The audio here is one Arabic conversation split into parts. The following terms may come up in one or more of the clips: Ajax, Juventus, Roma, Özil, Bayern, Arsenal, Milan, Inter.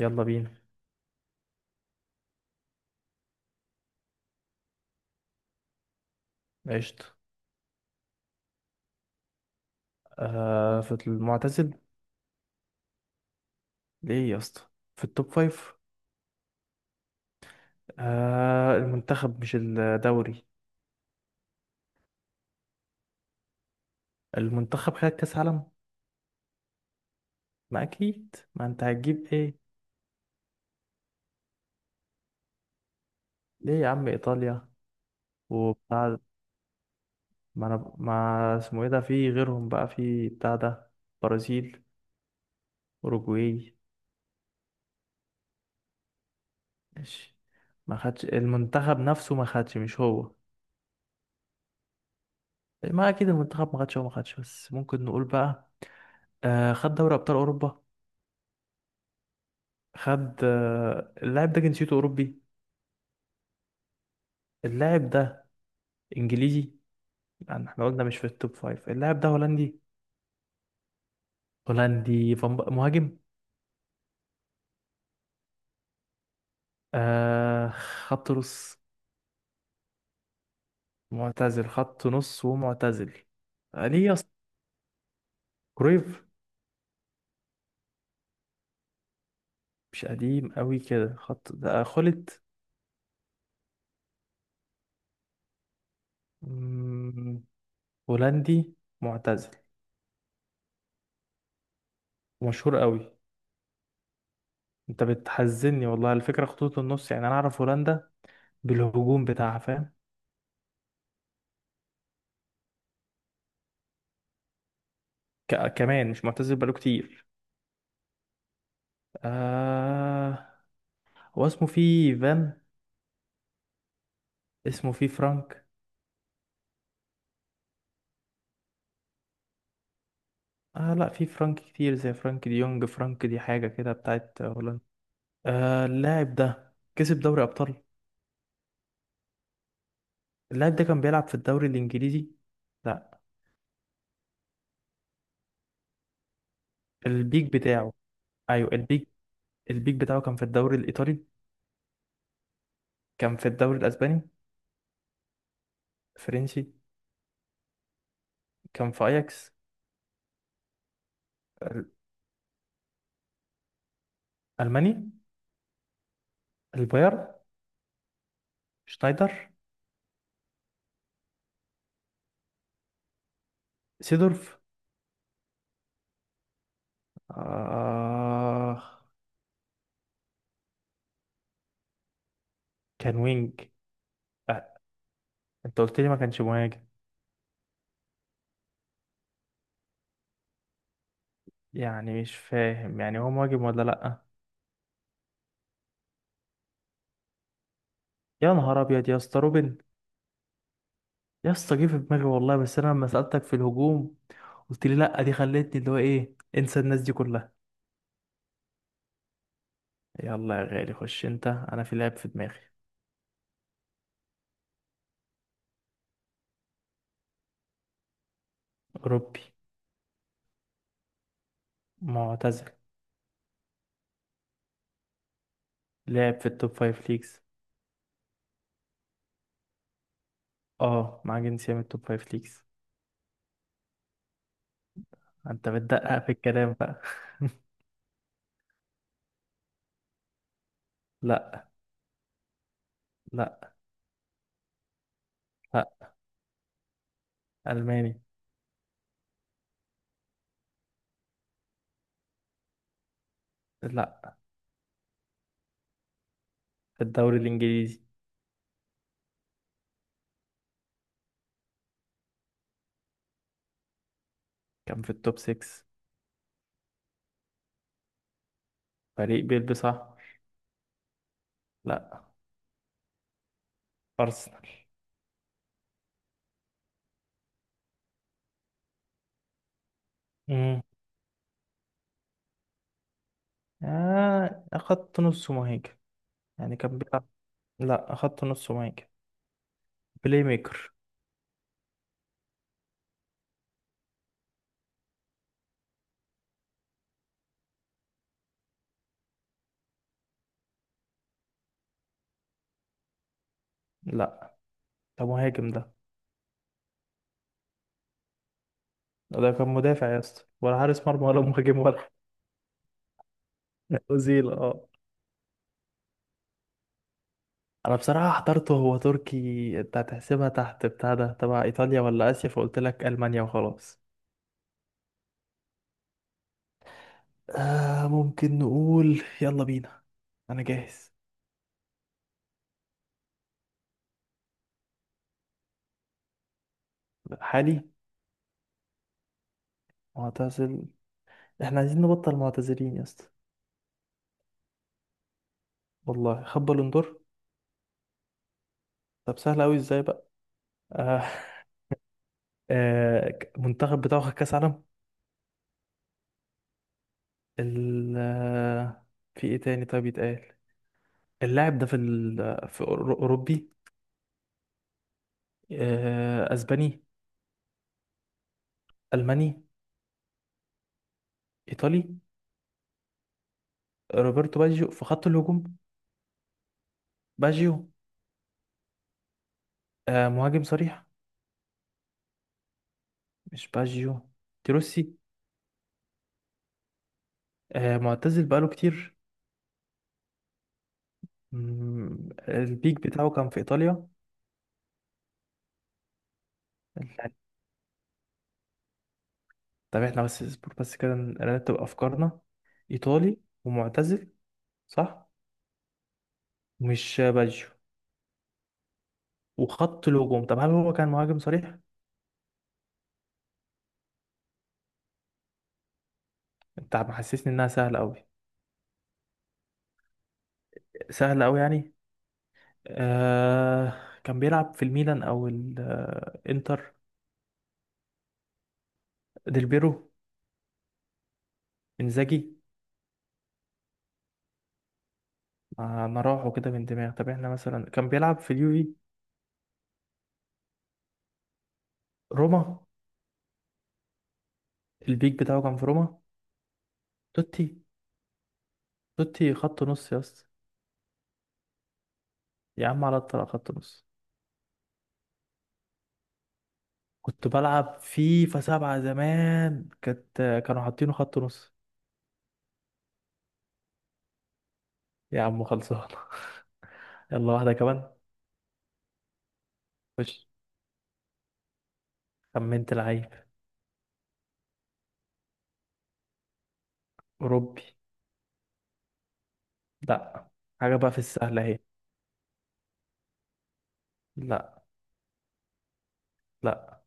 يلا بينا. قشطة. آه في المعتزل. ليه يا اسطى؟ في التوب فايف. آه المنتخب مش الدوري. المنتخب خد كأس عالم. ما أكيد ما أنت هتجيب إيه. ليه يا عم إيطاليا وبتاع. ما أنا ما اسمه إيه ده في غيرهم بقى في بتاع ده. برازيل. أوروجواي. ماشي. ما خدش المنتخب نفسه ما خدش، مش هو. ما أكيد المنتخب ما خدش، هو ما خدش، بس ممكن نقول بقى. آه خد دوري أبطال أوروبا. خد اللاعب ده جنسيته أوروبي. اللاعب ده إنجليزي. يعني احنا قلنا مش في التوب فايف. اللاعب ده هولندي. هولندي. مهاجم. آه خط نص. معتزل خط نص ومعتزل. ليه يا اسطى؟ كرويف. مش قديم قوي كده خط ده خلت. مم، هولندي. معتزل. مشهور قوي. انت بتحزني والله. الفكرة خطوط النص، يعني انا اعرف هولندا بالهجوم بتاعها، فاهم. كمان مش معتزل بقاله كتير. آه هو اسمه فيه فان. اسمه فيه فرانك. آه لا، في فرانك كتير زي فرانك دي يونج، فرانك دي حاجة كده بتاعت هولندا. آه اللاعب ده كسب دوري أبطال. اللاعب ده كان بيلعب في الدوري الإنجليزي. لا. البيك بتاعه. أيوه البيك. البيك بتاعه كان في الدوري الإيطالي. كان في الدوري الأسباني. الفرنسي. كان في أياكس. الألماني. البايرن. شنايدر. سيدورف. آه كان وينج. آه. انت قلت لي ما كانش مهاجم. يعني مش فاهم، يعني هو مهاجم ولا لأ؟ يا نهار أبيض يا اسطى، روبن. يا اسطى جه في دماغي والله، بس أنا لما سألتك في الهجوم قلت لي لأ، دي خلتني اللي هو إيه انسى الناس دي كلها. يلا يا غالي خش أنت، أنا في لعب في دماغي. أوروبي. معتزل. لعب في التوب فايف ليجز. أه مع جنسية من التوب فايف ليجز. أنت بتدقق في الكلام بقى. لأ. لأ. لأ. ألماني. لأ. في الدوري الإنجليزي. كان في التوب 6. فريق بيلبس أحمر. لأ. أرسنال. آه أخدت نص مهاجم. يعني كان بيلعب. لا أخدت نص مهاجم. بلاي ميكر. لا ده مهاجم ده. ده كان مدافع يا اسطى، ولا حارس مرمى، ولا مهاجم، ولا. أوزيل اه. أنا بصراحة حضرته هو تركي، أنت هتحسبها تحت بتاع ده تبع إيطاليا ولا آسيا، فقلت لك ألمانيا وخلاص. آه ممكن نقول يلا بينا. أنا جاهز. حالي. معتزل. إحنا عايزين نبطل معتزلين يا اسطى. والله خد بالون دور. طب سهل أوي إزاي بقى؟ آه. منتخب بتاعه خد كاس عالم. ال آه، في ايه تاني طيب يتقال؟ اللاعب ده في اوروبي. اسباني. الماني. ايطالي. روبرتو باجيو في خط الهجوم. باجيو. مهاجم صريح. مش باجيو. تروسي. معتزل بقاله كتير. البيك بتاعه كان في ايطاليا. طب احنا بس اصبر بس كده نرتب افكارنا. ايطالي. ومعتزل. صح. مش باجيو. وخط الهجوم. طب هل هو كان مهاجم صريح؟ انت محسسني انها سهله قوي. سهله قوي يعني. آه كان بيلعب في الميلان او الانتر. ديل بيرو. انزاجي. ما راحوا كده من دماغ. طب احنا مثلا كان بيلعب في اليوفي. روما. البيك بتاعه كان في روما. توتي. توتي خط نص يا اسطى. يا عم على الطلاق خط نص. كنت بلعب فيفا سبعة زمان، كانت كانوا حاطينه خط نص. يا عم خلصان. يلا واحدة كمان. خش. خمنت لعيب. أوروبي. لا. حاجة بقى في السهلة اهي. لا. لا.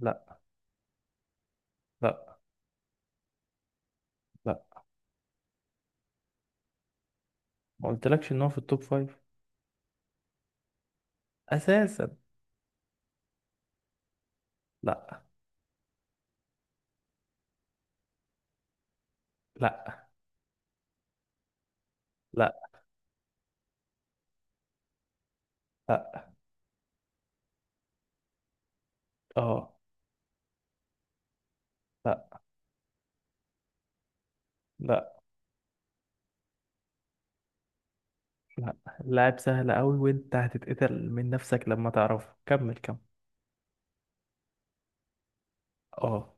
لا. لا. لا. ما قلتلكش ان هو في التوب فايف. اساسا. لا. لا. لا. لا. اه. لا. لا. لا. لاعب سهل قوي، وانت هتتقتل من نفسك لما تعرفه. كمل كمل. اه.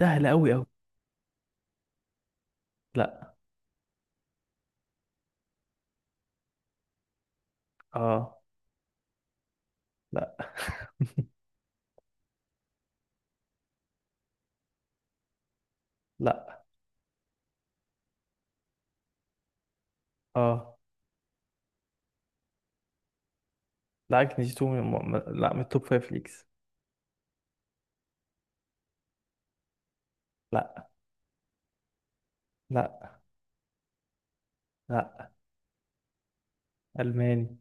سهل قوي قوي. لا. اه. لا. لا. اه. لا جنيتو من لا من التوب فايف ليكس. لا. لا. لا. الماني.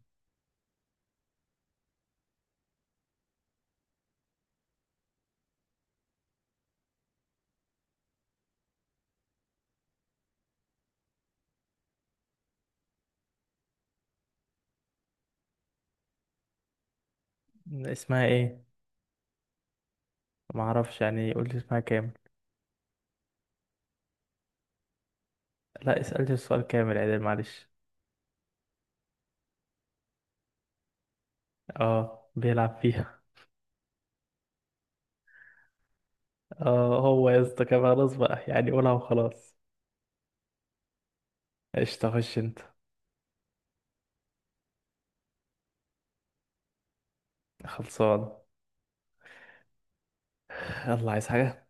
اسمها ايه؟ ما اعرفش يعني، قول لي اسمها كامل. لا اسألني السؤال كامل عدل، معلش. اه بيلعب فيها. اه هو يا اسطى كان خلاص بقى، يعني قولها وخلاص. ايش تخش انت. خلصان. يلا. عايز حاجة.